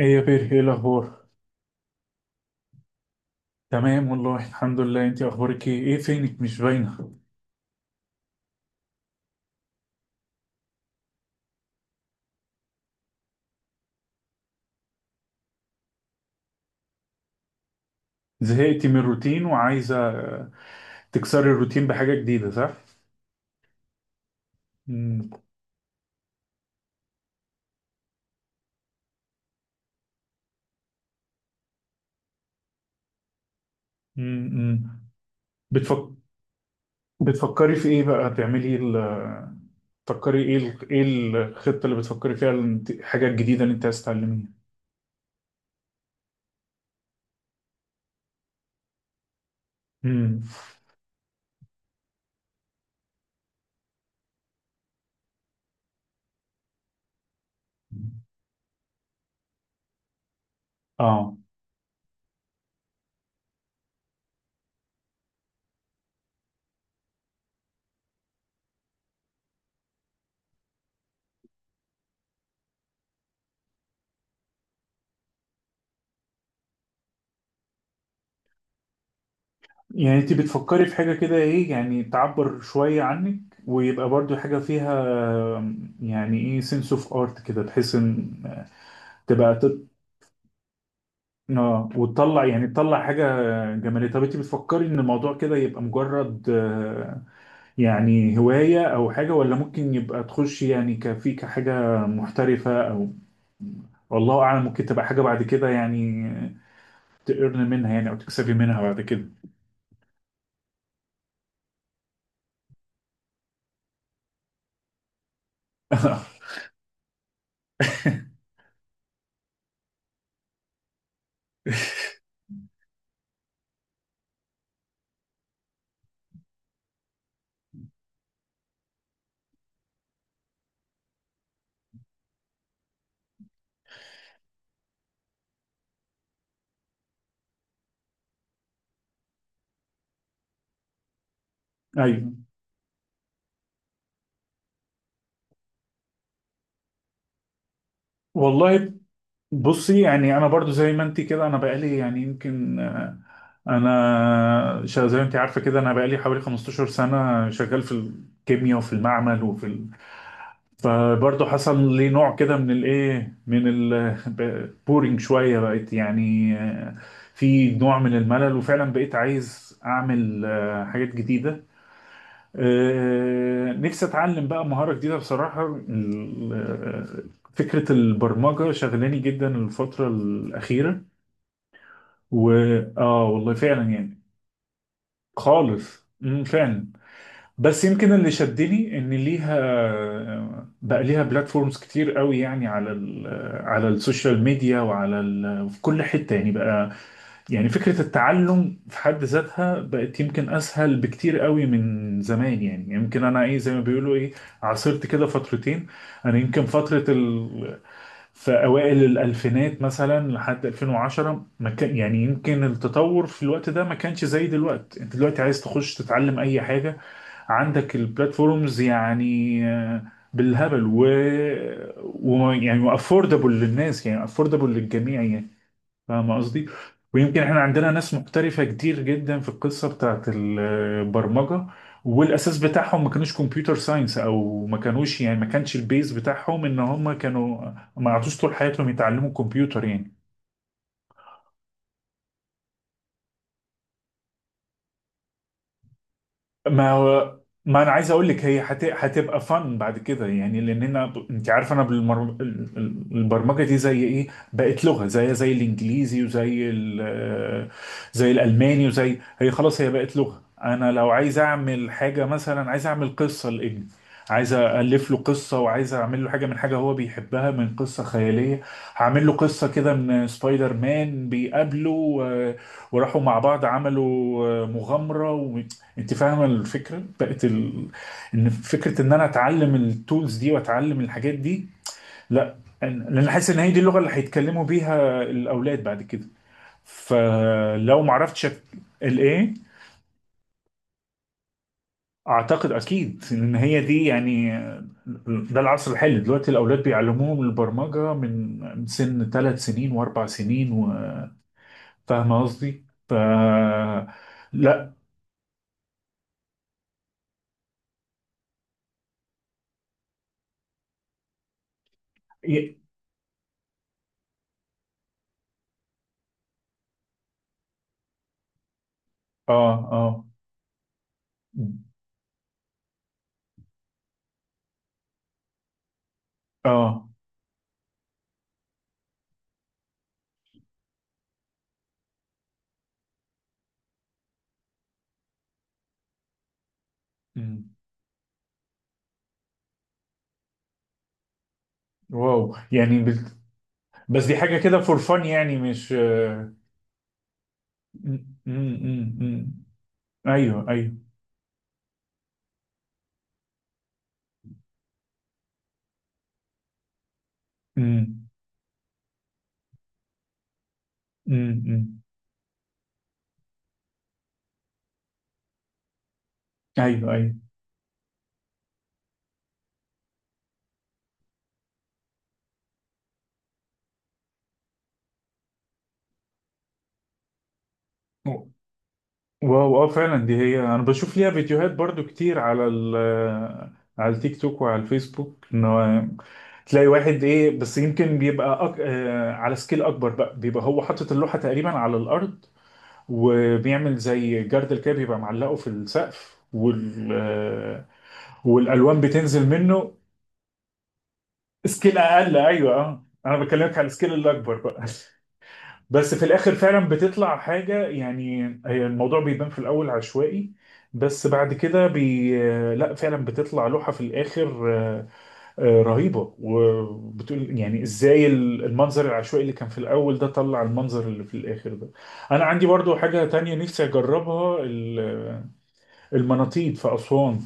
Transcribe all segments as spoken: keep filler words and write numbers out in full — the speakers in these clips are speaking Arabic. ايه يا بير، ايه الاخبار؟ تمام والله الحمد لله. انت اخبارك ايه ايه فينك؟ مش باينه. زهقتي من الروتين وعايزه تكسري الروتين بحاجه جديده، صح؟ امم. امم. بتفك... بتفكري في ايه بقى؟ تعملي ايه ال... تفكري ايه ال... ايه الخطه اللي بتفكري فيها؟ الانت- الحاجه الجديده اللي انت عايز تتعلميها. امم. اه. يعني انت بتفكري في حاجه كده ايه، يعني تعبر شويه عنك ويبقى برضو حاجه فيها آم، يعني ايه سنس اوف ارت كده، تحس ان تبقى تط... اه، وتطلع يعني تطلع حاجة جمالية. طب انت بتفكري ان الموضوع كده يبقى مجرد آه، يعني هواية او حاجة، ولا ممكن يبقى تخش يعني كفي كحاجة محترفة، او والله اعلم ممكن تبقى حاجة بعد كده يعني تقرن منها يعني، او تكسبي منها بعد كده؟ ايوه والله. بصي، يعني انا برضو زي ما انت كده، انا بقالي يعني يمكن آه، انا شا- زي ما انت عارفه كده، انا بقالي حوالي 15 سنه شغال في الكيمياء وفي المعمل وفي ال... فبرضو حصل لي نوع كده من الايه، من البورينج شويه. بقيت يعني آه، في نوع من الملل، وفعلا بقيت عايز اعمل آه، حاجات جديده. آه، نفسي اتعلم بقى مهارة جديدة بصراحة. ال- آه، فكرة البرمجة شغلاني جدا الفترة الأخيرة. و اه، والله فعلا يعني. خالص. مم، فعلا. بس يمكن اللي شدني ان ليها آه، بقى ليها بلاتفورمز كتير قوي يعني على ال... آه، على السوشيال ميديا، وعلى ال... آه، في كل حتة يعني بقى. يعني فكرة التعلم في حد ذاتها بقت يمكن أسهل بكتير قوي من زمان يعني. يعني يمكن أنا إيه، زي ما بيقولوا إيه، عاصرت كده فترتين. أنا يمكن فترة ال... في أوائل الألفينات مثلا لحد ألفين وعشرة، ما كان يعني يمكن التطور في الوقت ده ما كانش زي دلوقتي. أنت دلوقتي عايز تخش تتعلم أي حاجة، عندك البلاتفورمز يعني آه، بالهبل، و, و... يعني وأفوردبل للناس، يعني أفوردبل للجميع يعني. فاهم قصدي؟ ويمكن احنا عندنا ناس محترفة كتير جدا في القصة بتاعت البرمجة، والاساس بتاعهم ما كانوش كمبيوتر ساينس، او ما كانوش يعني ما كانش البيز بتاعهم ان هم كانوا ما عادوش طول حياتهم يتعلموا كمبيوتر يعني. ما هو، ما انا عايز اقول لك هي هت... هتبقى فن بعد كده يعني. لان انا ب... انت عارف انا بالمر... ال- ال- البرمجه دي زي ايه، بقت لغه، زي زي الانجليزي وزي ال... زي الالماني، وزي هي خلاص هي بقت لغه. انا لو عايز اعمل حاجه، مثلا عايز اعمل قصه لابني، عايز الف له قصه، وعايز اعمل له حاجه من حاجه هو بيحبها، من قصه خياليه، هعمل له قصه كده من سبايدر مان بيقابله و... وراحوا مع بعض عملوا مغامرة. انت فاهمه الفكره بقت ال... ان فكره ان انا اتعلم التولز دي واتعلم الحاجات دي. لا أنا- لان حاسس ان هي دي اللغه اللي هيتكلموا بيها الاولاد بعد كده. فلو ما عرفتش أك- الايه. اعتقد اكيد ان هي دي يعني، ده العصر الحالي دلوقتي، الاولاد بيعلموهم البرمجه من من سن ثلاث سنين واربع سنين. وفاهمه قصدي، ف لا. ي- اه، اه، اه. مم. واو، يعني. بس دي حاجة كده فور فن يعني، مش آه، م- م- م- م. ايوه، ايوه. م- م- م. ايوه، ايوه. واو، اه فعلا دي هي. انا بشوف ليها فيديوهات برضو كتير على ال على التيك توك وعلى الفيسبوك، ان هو تلاقي واحد ايه بس يمكن بيبقى أك... آه، على سكيل اكبر بقى، بيبقى هو حاطط اللوحة تقريبا على الارض وبيعمل زي جردل كده بيبقى معلقه في السقف وال آه، والالوان بتنزل منه. سكيل اقل، ايوه، اه، انا بكلمك على السكيل الاكبر بقى. بس في الاخر فعلا بتطلع حاجه يعني، هي الموضوع بيبان في الاول عشوائي، بس بعد كده بي لا فعلا بتطلع لوحه في الاخر آه، آه، رهيبه، وبتقول يعني ازاي ال- المنظر العشوائي اللي كان في الاول ده طلع المنظر اللي في الاخر ده. انا عندي برضو حاجه تانية نفسي اجربها، ال- المناطيد في اسوان.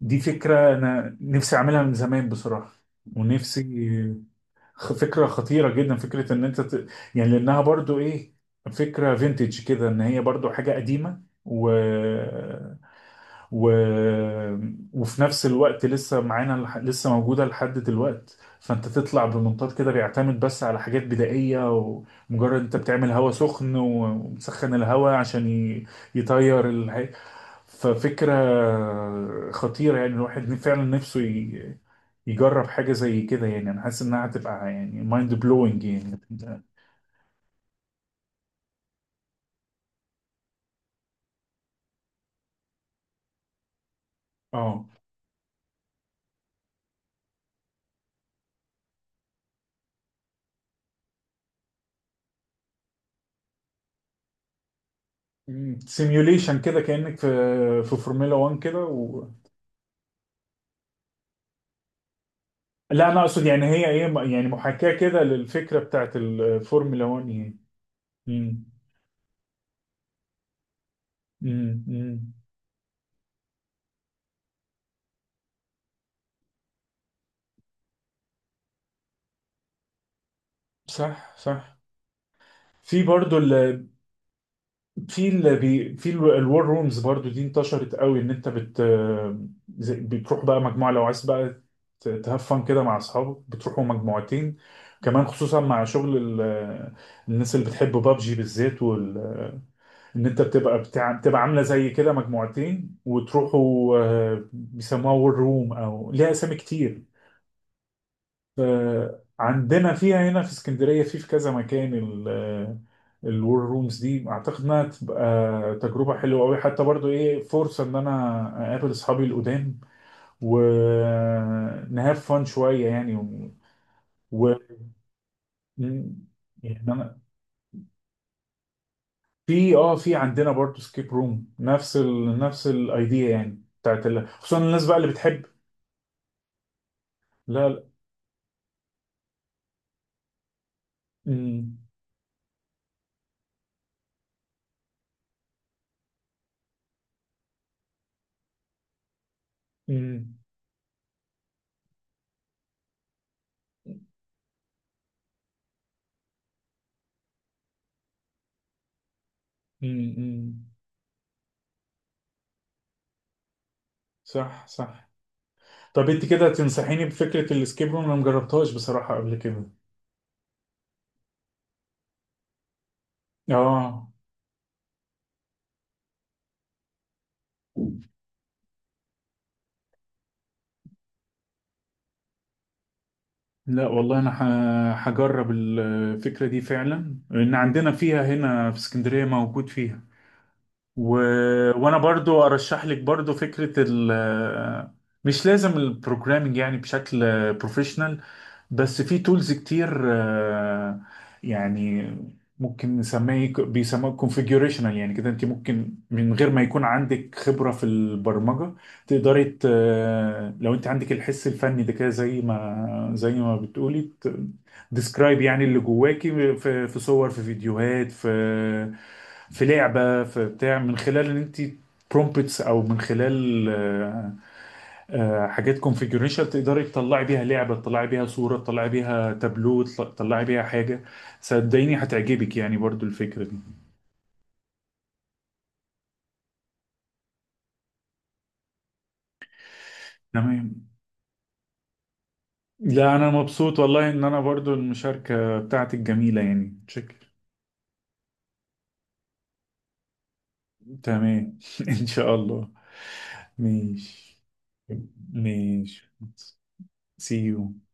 دي فكره انا نفسي اعملها من زمان بصراحه. ونفسي خ- فكرة خطيرة جدا، فكرة ان انت ت... يعني لانها برضو ايه، فكرة فينتج كده، ان هي برضو حاجة قديمة و... و... وفي نفس الوقت لسه معانا لح... لسه موجودة لحد دلوقت. فانت تطلع بمنطاد كده بيعتمد بس على حاجات بدائية، ومجرد انت بتعمل هواء سخن و- ومسخن الهواء عشان ي... يطير الح... ففكرة خطيرة يعني، الواحد فعلا نفسه ي- يجرب حاجة زي كده يعني. أنا حاسس إنها هتبقى يعني مايند بلوينج يعني. اه، سيميوليشن كده كأنك في في فورمولا واحد كده و... لا أنا أقصد يعني هي إيه، يعني محاكاة كده للفكرة بتاعت الفورمولا واحد يعني. مم. مم. مم. صح، صح. في برضو ال- في ال بي- في ال- الوار رومز برضو دي انتشرت قوي، ان انت بت زي- بتروح بقى مجموعه لو عايز بقى ت- تهفن كده مع اصحابك، بتروحوا مجموعتين، كمان خصوصا مع شغل ال- الناس اللي بتحب بابجي بالذات وال، ان انت بتبقى بتاع بتبقى عامله زي كده مجموعتين وتروحوا آه، بيسموها وور روم او ليها اسامي كتير. فعندنا فيها هنا في اسكندرية في في كذا مكان ال الور رومز دي، اعتقد انها تبقى تجربة حلوة قوي، حتى برضو ايه فرصة ان انا اقابل اصحابي القدام ونهاف فان شوية يعني و... و... يعني انا. في اه في عندنا برضو سكيب روم، نفس ال... نفس الايديا يعني بتاعت ال... خصوصا الناس بقى اللي بتحب. لا، لا. امم. امم. امم. أمم. صح، صح. طب انت كده تنصحيني بفكرة الاسكيب روم؟ انا مجربتهاش بصراحة قبل كده. اه. لا والله، انا ه- هجرب الفكرة دي فعلا، لان عندنا فيها هنا في اسكندرية موجود فيها و... وانا برضو ارشح لك برضو فكرة ال، مش لازم البروجرامينج يعني بشكل بروفيشنال، بس في تولز كتير آه، يعني ممكن نسميه بيسموه كونفيجوريشنال يعني كده، انت ممكن من غير ما يكون عندك خبرة في البرمجة تقدري ت- لو انت عندك الحس الفني ده كده، زي ما زي ما بتقولي، ديسكرايب يعني اللي جواكي في في صور، في فيديوهات، في في لعبة، في بتاع، من خلال ان انت برومبتس او من خلال آه، آه، حاجات كونفيجريشن، تقدري تطلعي بيها لعبة، تطلعي بيها صورة، تطلعي بيها تابلو، تطل- تطلعي بيها حاجة. صدقيني هتعجبك يعني برضو الفكرة دي. تمام. لا، انا مبسوط والله، ان انا برضو المشاركة بتاعتك جميلة يعني، شكل. تمام ان شاء الله. ماشي. ماشي. سي يو.